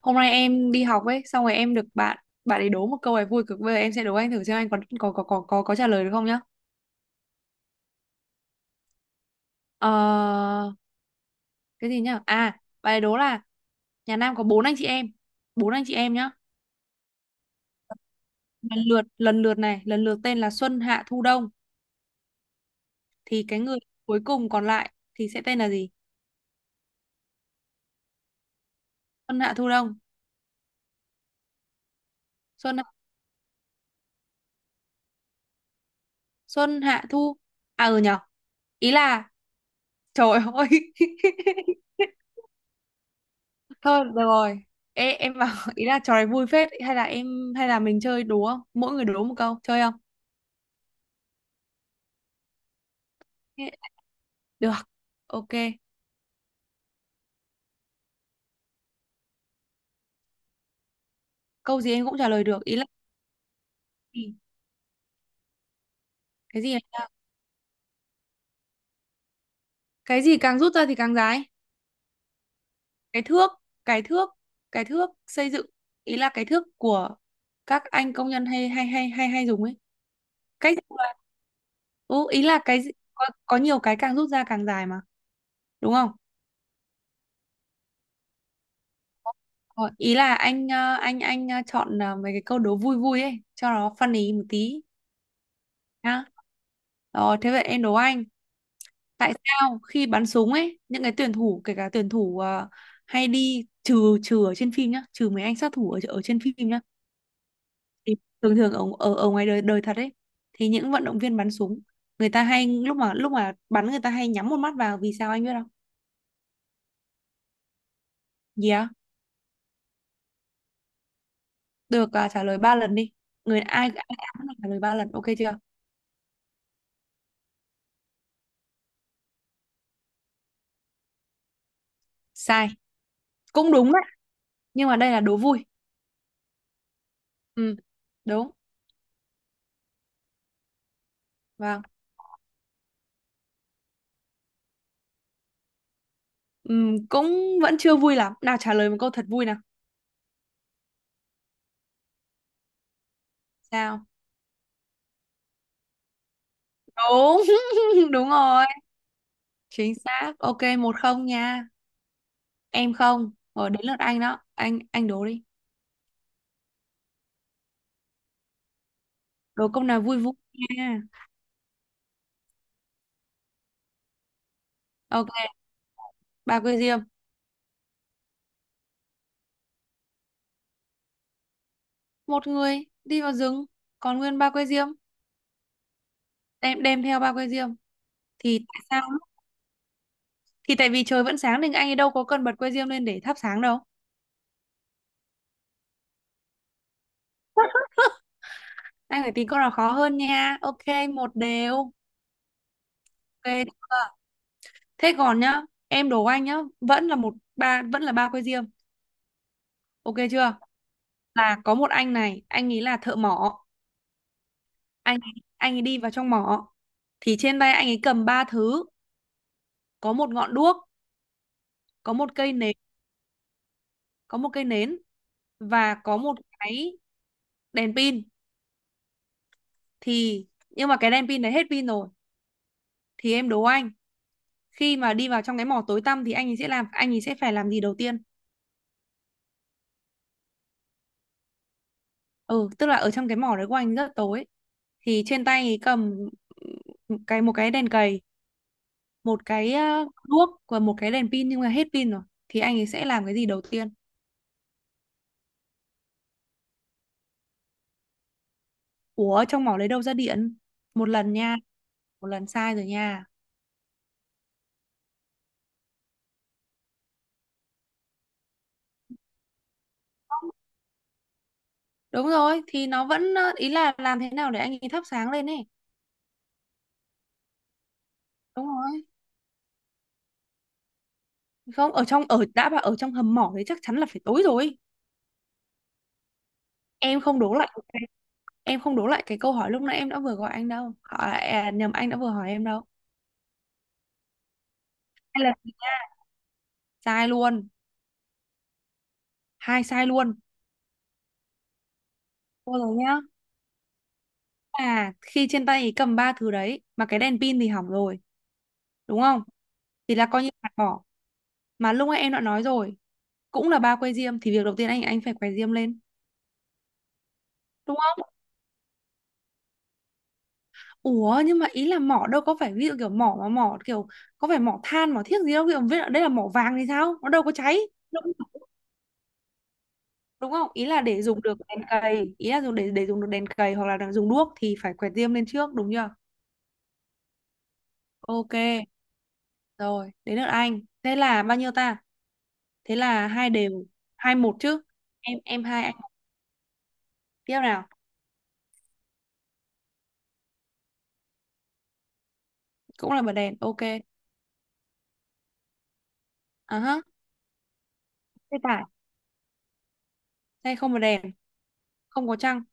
Hôm nay em đi học ấy, xong rồi em được bạn bạn ấy đố một câu này vui cực. Bây giờ em sẽ đố anh thử xem anh có trả lời được không nhá. ờ, cái gì nhá, à, bạn ấy đố là nhà Nam có bốn anh chị em, bốn anh chị em nhá. Lần lượt tên là Xuân Hạ Thu Đông, thì cái người cuối cùng còn lại thì sẽ tên là gì? Xuân Hạ Thu Đông. Xuân Xuân Hạ Thu, à ừ nhở. Ý là trời ơi. Thôi được rồi. Ê, em bảo, ý là trò này vui phết, hay là mình chơi đố không? Mỗi người đố một câu, chơi không? Thế- Được. Ok. Câu gì em cũng trả lời được. Ý là cái gì? Cái gì này nhá? Cái gì càng rút ra thì càng dài? Cái thước, cái thước, cái thước xây dựng. Ý là cái thước của các anh công nhân hay hay hay hay hay dùng ấy. Cách ừ, ý là cái gì? Có nhiều cái càng rút ra càng dài mà, đúng không? Ờ, ý là anh chọn mấy cái câu đố vui vui ấy cho nó funny một tí nhá. Rồi thế vậy em đố anh, tại sao khi bắn súng ấy những cái tuyển thủ, kể cả tuyển thủ hay đi trừ trừ ở trên phim nhá, trừ mấy anh sát thủ ở trên phim nhá, thì thường thường ở, ở ở ngoài đời đời thật ấy, thì những vận động viên bắn súng, người ta hay lúc mà bắn người ta hay nhắm một mắt vào, vì sao anh biết không? Gì á? Được trả lời ba lần đi. Người ai ai ai cũng được trả lời 3 lần, ok chưa? Sai. Cũng đúng nhưng mà đây là đố vui. Ừ, đúng. Vâng. Ừ, cũng vẫn chưa vui lắm, nào trả lời một câu thật vui nào. Sao? Đúng. Đúng rồi. Chính xác, ok, 1-0 nha. Em không, rồi đến lượt anh đó, anh đố đi. Đố câu nào vui vui nha. Ok, ba que diêm. Một người đi vào rừng, còn nguyên ba que diêm. Đem đem theo ba que diêm. Thì tại sao? Thì tại vì trời vẫn sáng nên anh ấy đâu có cần bật que diêm lên để thắp sáng đâu. Anh phải tìm câu nào khó hơn nha. Ok, một đều. Ok chưa? Thế còn nhá, em đố anh nhá, vẫn là ba que diêm, ok chưa? Là có một anh này, anh ấy là thợ mỏ, anh anh ấy đi vào trong mỏ, thì trên tay anh ấy cầm ba thứ, có một ngọn đuốc, có một cây nến, có một cây nến, và có một cái đèn pin. Thì nhưng mà cái đèn pin đấy hết pin rồi, thì em đố anh, khi mà đi vào trong cái mỏ tối tăm thì anh ấy sẽ làm, anh ấy sẽ phải làm gì đầu tiên? Ừ, tức là ở trong cái mỏ đấy của anh rất tối, thì trên tay ấy cầm một cái đèn cầy, một cái đuốc, và một cái đèn pin nhưng mà hết pin rồi, thì anh ấy sẽ làm cái gì đầu tiên? Ủa trong mỏ lấy đâu ra điện? Một lần nha, một lần sai rồi nha. Đúng rồi, thì nó vẫn ý là làm thế nào để anh ấy thắp sáng lên ấy. Đúng rồi. Không, ở trong ở đã bảo ở trong hầm mỏ thì chắc chắn là phải tối rồi. Em không đố lại cái- em không đố lại cái câu hỏi lúc nãy em đã vừa gọi anh đâu hỏi à, nhầm anh đã vừa hỏi em đâu. Hai lần sai luôn, hai sai luôn. Thôi rồi nhá, là khi trên tay cầm ba thứ đấy mà cái đèn pin thì hỏng rồi, đúng không? Thì là coi như phạt bỏ, mà lúc nãy em đã nói rồi, cũng là ba que diêm thì việc đầu tiên anh phải quay diêm lên, đúng không? Ủa nhưng mà ý là mỏ đâu có phải ví dụ kiểu mỏ mà mỏ kiểu, có phải mỏ than mỏ thiếc gì đâu, kiểu biết là đây là mỏ vàng thì sao, nó đâu có cháy. Đúng, đúng không, ý là để dùng được đèn cầy, ý là dùng để dùng được đèn cầy hoặc là dùng đuốc thì phải quẹt diêm lên trước, đúng chưa? Ok, rồi đến lượt anh, thế là bao nhiêu ta? Thế là hai đều. 2-1 chứ, em hai anh một. Tiếp nào. Cũng là bật đèn, ok. À hả? Xe tải. Xe không bật đèn, không có trăng,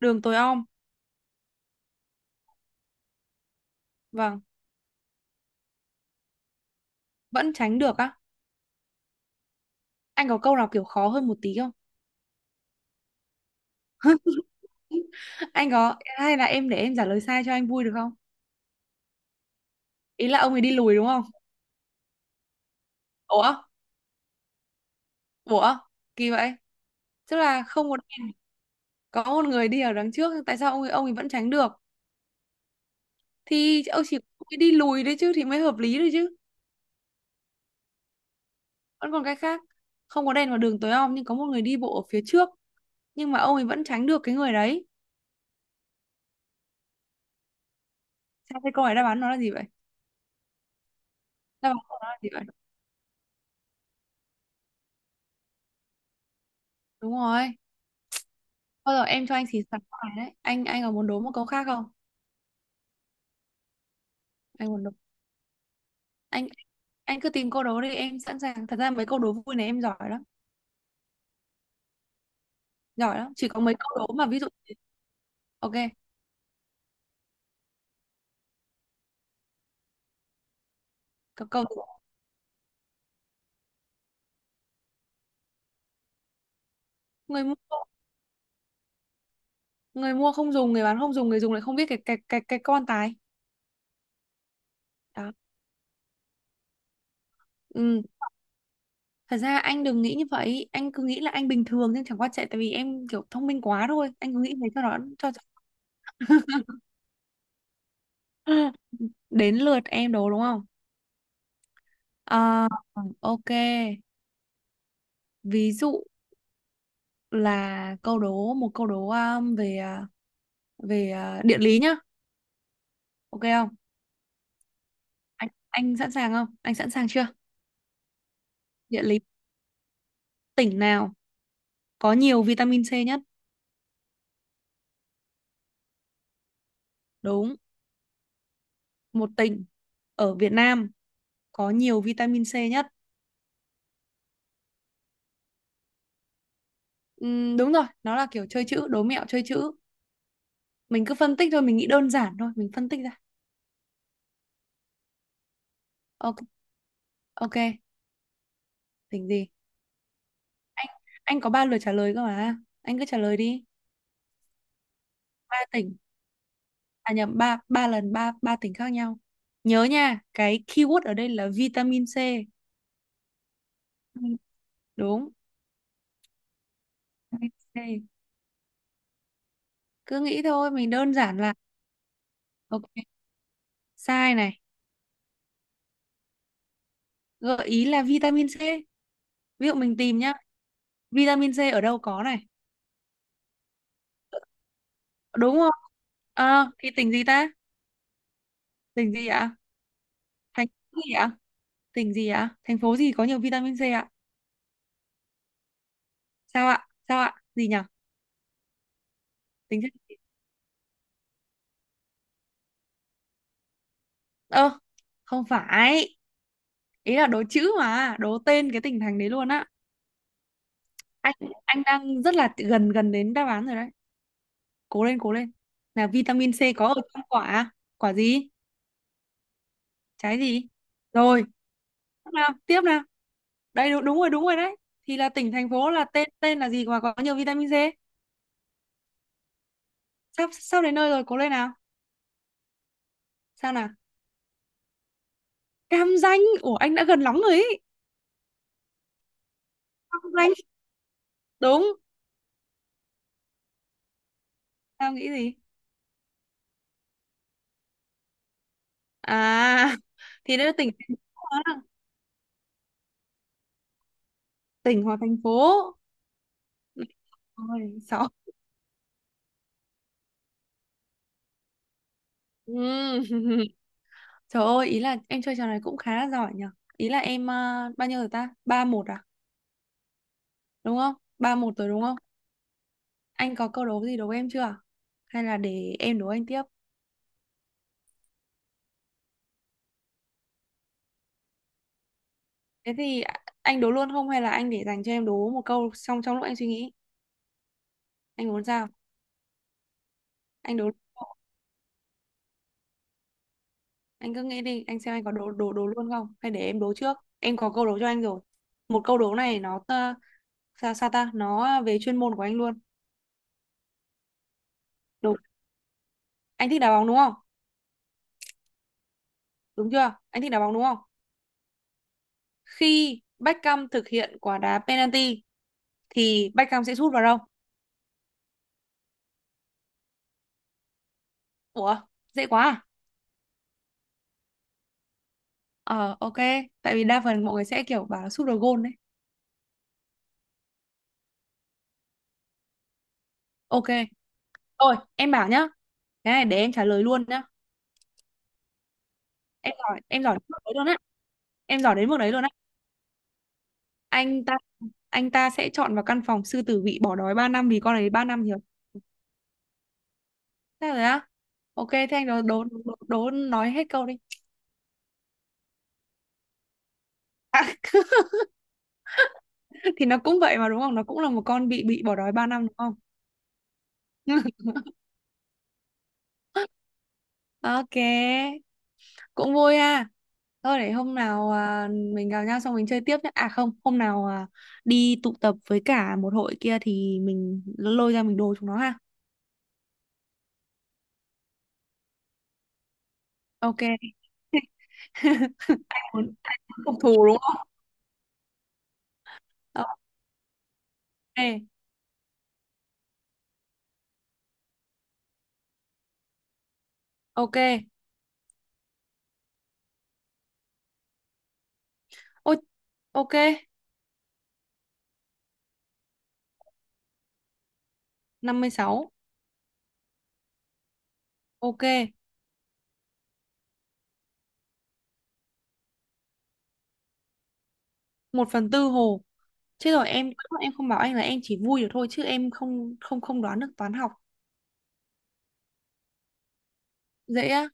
đường tối om. Vâng. Vẫn tránh được á? Anh có câu nào kiểu khó hơn một tí không? Anh có, hay là em để em trả lời sai cho anh vui được không? Ý là ông ấy đi lùi đúng không? Ủa, ủa kỳ vậy, tức là không có đèn, có một người đi ở đằng trước, tại sao ông ấy vẫn tránh được, thì ông ấy đi lùi đấy chứ thì mới hợp lý đấy chứ. Vẫn còn cái khác? Không có đèn, vào đường tối om, nhưng có một người đi bộ ở phía trước, nhưng mà ông ấy vẫn tránh được cái người đấy. Sao thế, câu hỏi đáp án nó là gì vậy? Đáp án của nó là gì vậy? Đúng rồi. Thôi rồi, em cho anh xì xào câu này đấy, anh có muốn đố một câu khác không? Anh muốn đố? anh anh cứ tìm câu đố đi, em sẵn sàng, thật ra mấy câu đố vui này em giỏi lắm. Giỏi lắm, chỉ có mấy câu đố mà ví dụ. Ok. Câu người mua, người mua không dùng, người bán không dùng, người dùng lại không biết, cái con tài. Đó. Ừ. Thật ra anh đừng nghĩ như vậy, anh cứ nghĩ là anh bình thường, nhưng chẳng qua chạy tại vì em kiểu thông minh quá thôi, anh cứ nghĩ thế cho nó cho. Đến lượt em đố đúng không? Ờ, ok. Ví dụ là câu đố một câu đố về về à, địa lý nhá, ok không? Anh sẵn sàng không? Anh sẵn sàng chưa? Địa lý, tỉnh nào có nhiều vitamin C nhất? Đúng, một tỉnh ở Việt Nam có nhiều vitamin C nhất. Đúng rồi, nó là kiểu chơi chữ, đố mẹo chơi chữ. Mình cứ phân tích thôi, mình nghĩ đơn giản thôi, mình phân tích ra. Ok. Ok, tỉnh gì? Anh anh có 3 lượt trả lời cơ mà, anh cứ trả lời đi. Ba tỉnh à nhầm ba Ba lần, ba ba tỉnh khác nhau, nhớ nha, cái keyword ở đây là vitamin C. Vitamin- Đúng, vitamin C. Cứ nghĩ thôi, mình đơn giản là, ok. Sai này. Gợi ý là vitamin C, ví dụ mình tìm nhá, vitamin C ở đâu có này, đúng không? Ờ thì tỉnh gì ta, tỉnh gì ạ, thành phố gì ạ? Tỉnh gì ạ? Thành phố gì có nhiều vitamin C ạ? Sao ạ? Sao ạ? Gì nhỉ? Tính chất... gì? Ơ, không phải. Ý là đố chữ mà, đố tên cái tỉnh thành đấy luôn á. Anh anh đang rất là gần gần đến đáp án rồi đấy. Cố lên, cố lên. Là vitamin C có ở trong quả à? Quả gì? Trái gì? Rồi, tiếp nào, tiếp nào. Đây đúng, đúng rồi đấy. Thì là tỉnh thành phố, là tên tên là gì mà có nhiều vitamin C? Sắp sắp đến nơi rồi, cố lên nào. Sao nào? Cam Ranh. Ủa anh đã gần lắm rồi ý. Cam Ranh. Đúng. Tao nghĩ gì? À thì đấy là tỉnh thành phố á. Tỉnh hoặc thành phố. Ôi, sợ. Ừm. Trời ơi, ý là em chơi trò này cũng khá là giỏi nhở. Ý là em bao nhiêu rồi ta, 3-1 à, đúng không? 3-1 rồi đúng không? Anh có câu đố gì đố em chưa, hay là để em đố anh tiếp? thế thì a- anh đố luôn không hay là anh để dành cho em đố một câu xong trong lúc anh suy nghĩ? Anh muốn sao? Anh đố luôn không? Anh cứ nghĩ đi, anh xem anh có đố đố đố luôn không, hay để em đố trước, em có câu đố cho anh rồi. Một câu đố này nó sao sao ta, nó về chuyên môn của anh luôn. Đúng, anh thích đá bóng đúng không? Đúng chưa, anh thích đá bóng đúng không? Khi Beckham thực hiện quả đá penalty thì Beckham sẽ sút vào đâu? Ủa, dễ quá à. Ờ ok, tại vì đa phần mọi người sẽ kiểu bảo là sút vào gôn đấy. Ok, thôi em bảo nhá, cái này để em trả lời luôn nhá. Em giỏi, em giỏi đến mức đấy luôn á. Em giỏi đến mức đấy luôn á. anh ta anh ta sẽ chọn vào căn phòng sư tử bị bỏ đói 3 năm, vì con ấy 3 năm nhiều. Thế rồi á, ok thế anh đố đố nói hết câu đi. Thì nó cũng vậy mà, đúng không? Nó cũng là một con bị bỏ đói 3 năm đúng không? Ok, cũng vui ha. Thôi để hôm nào mình gặp nhau xong mình chơi tiếp nhé. À không, hôm nào đi tụ tập với cả một hội kia thì mình lôi ra mình đồ chúng nó ha. Ok. Muốn phục thù đúng không? Ok, ok. Ôi, ok, 56. Ok, 1/4 hồ. Chứ rồi em không bảo anh là em chỉ vui được thôi, chứ em không không không đoán được toán học. Dễ á.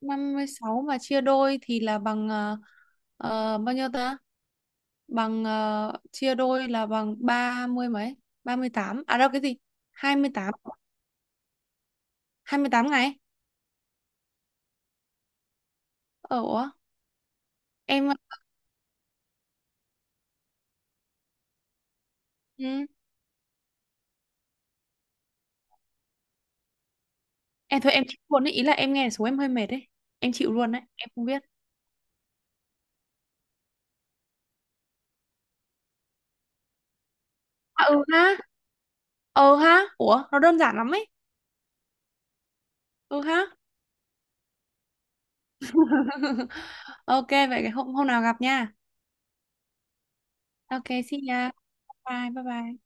56 mà chia đôi thì là bằng bao nhiêu ta? Bằng chia đôi là bằng 30 mấy? 38? À đâu cái gì? Hai 28? 28 ngày. Ờ ủa, em ừ, em thôi em chịu luôn đấy, ý là em nghe số em hơi mệt đấy. Em chịu luôn đấy, em không biết. À, ừ ha. Ừ ha. Ủa, nó đơn giản lắm ấy. Ừ ha. Ok vậy hôm hôm nào gặp nha. Ok, xin nha. Bye bye bye. Bye.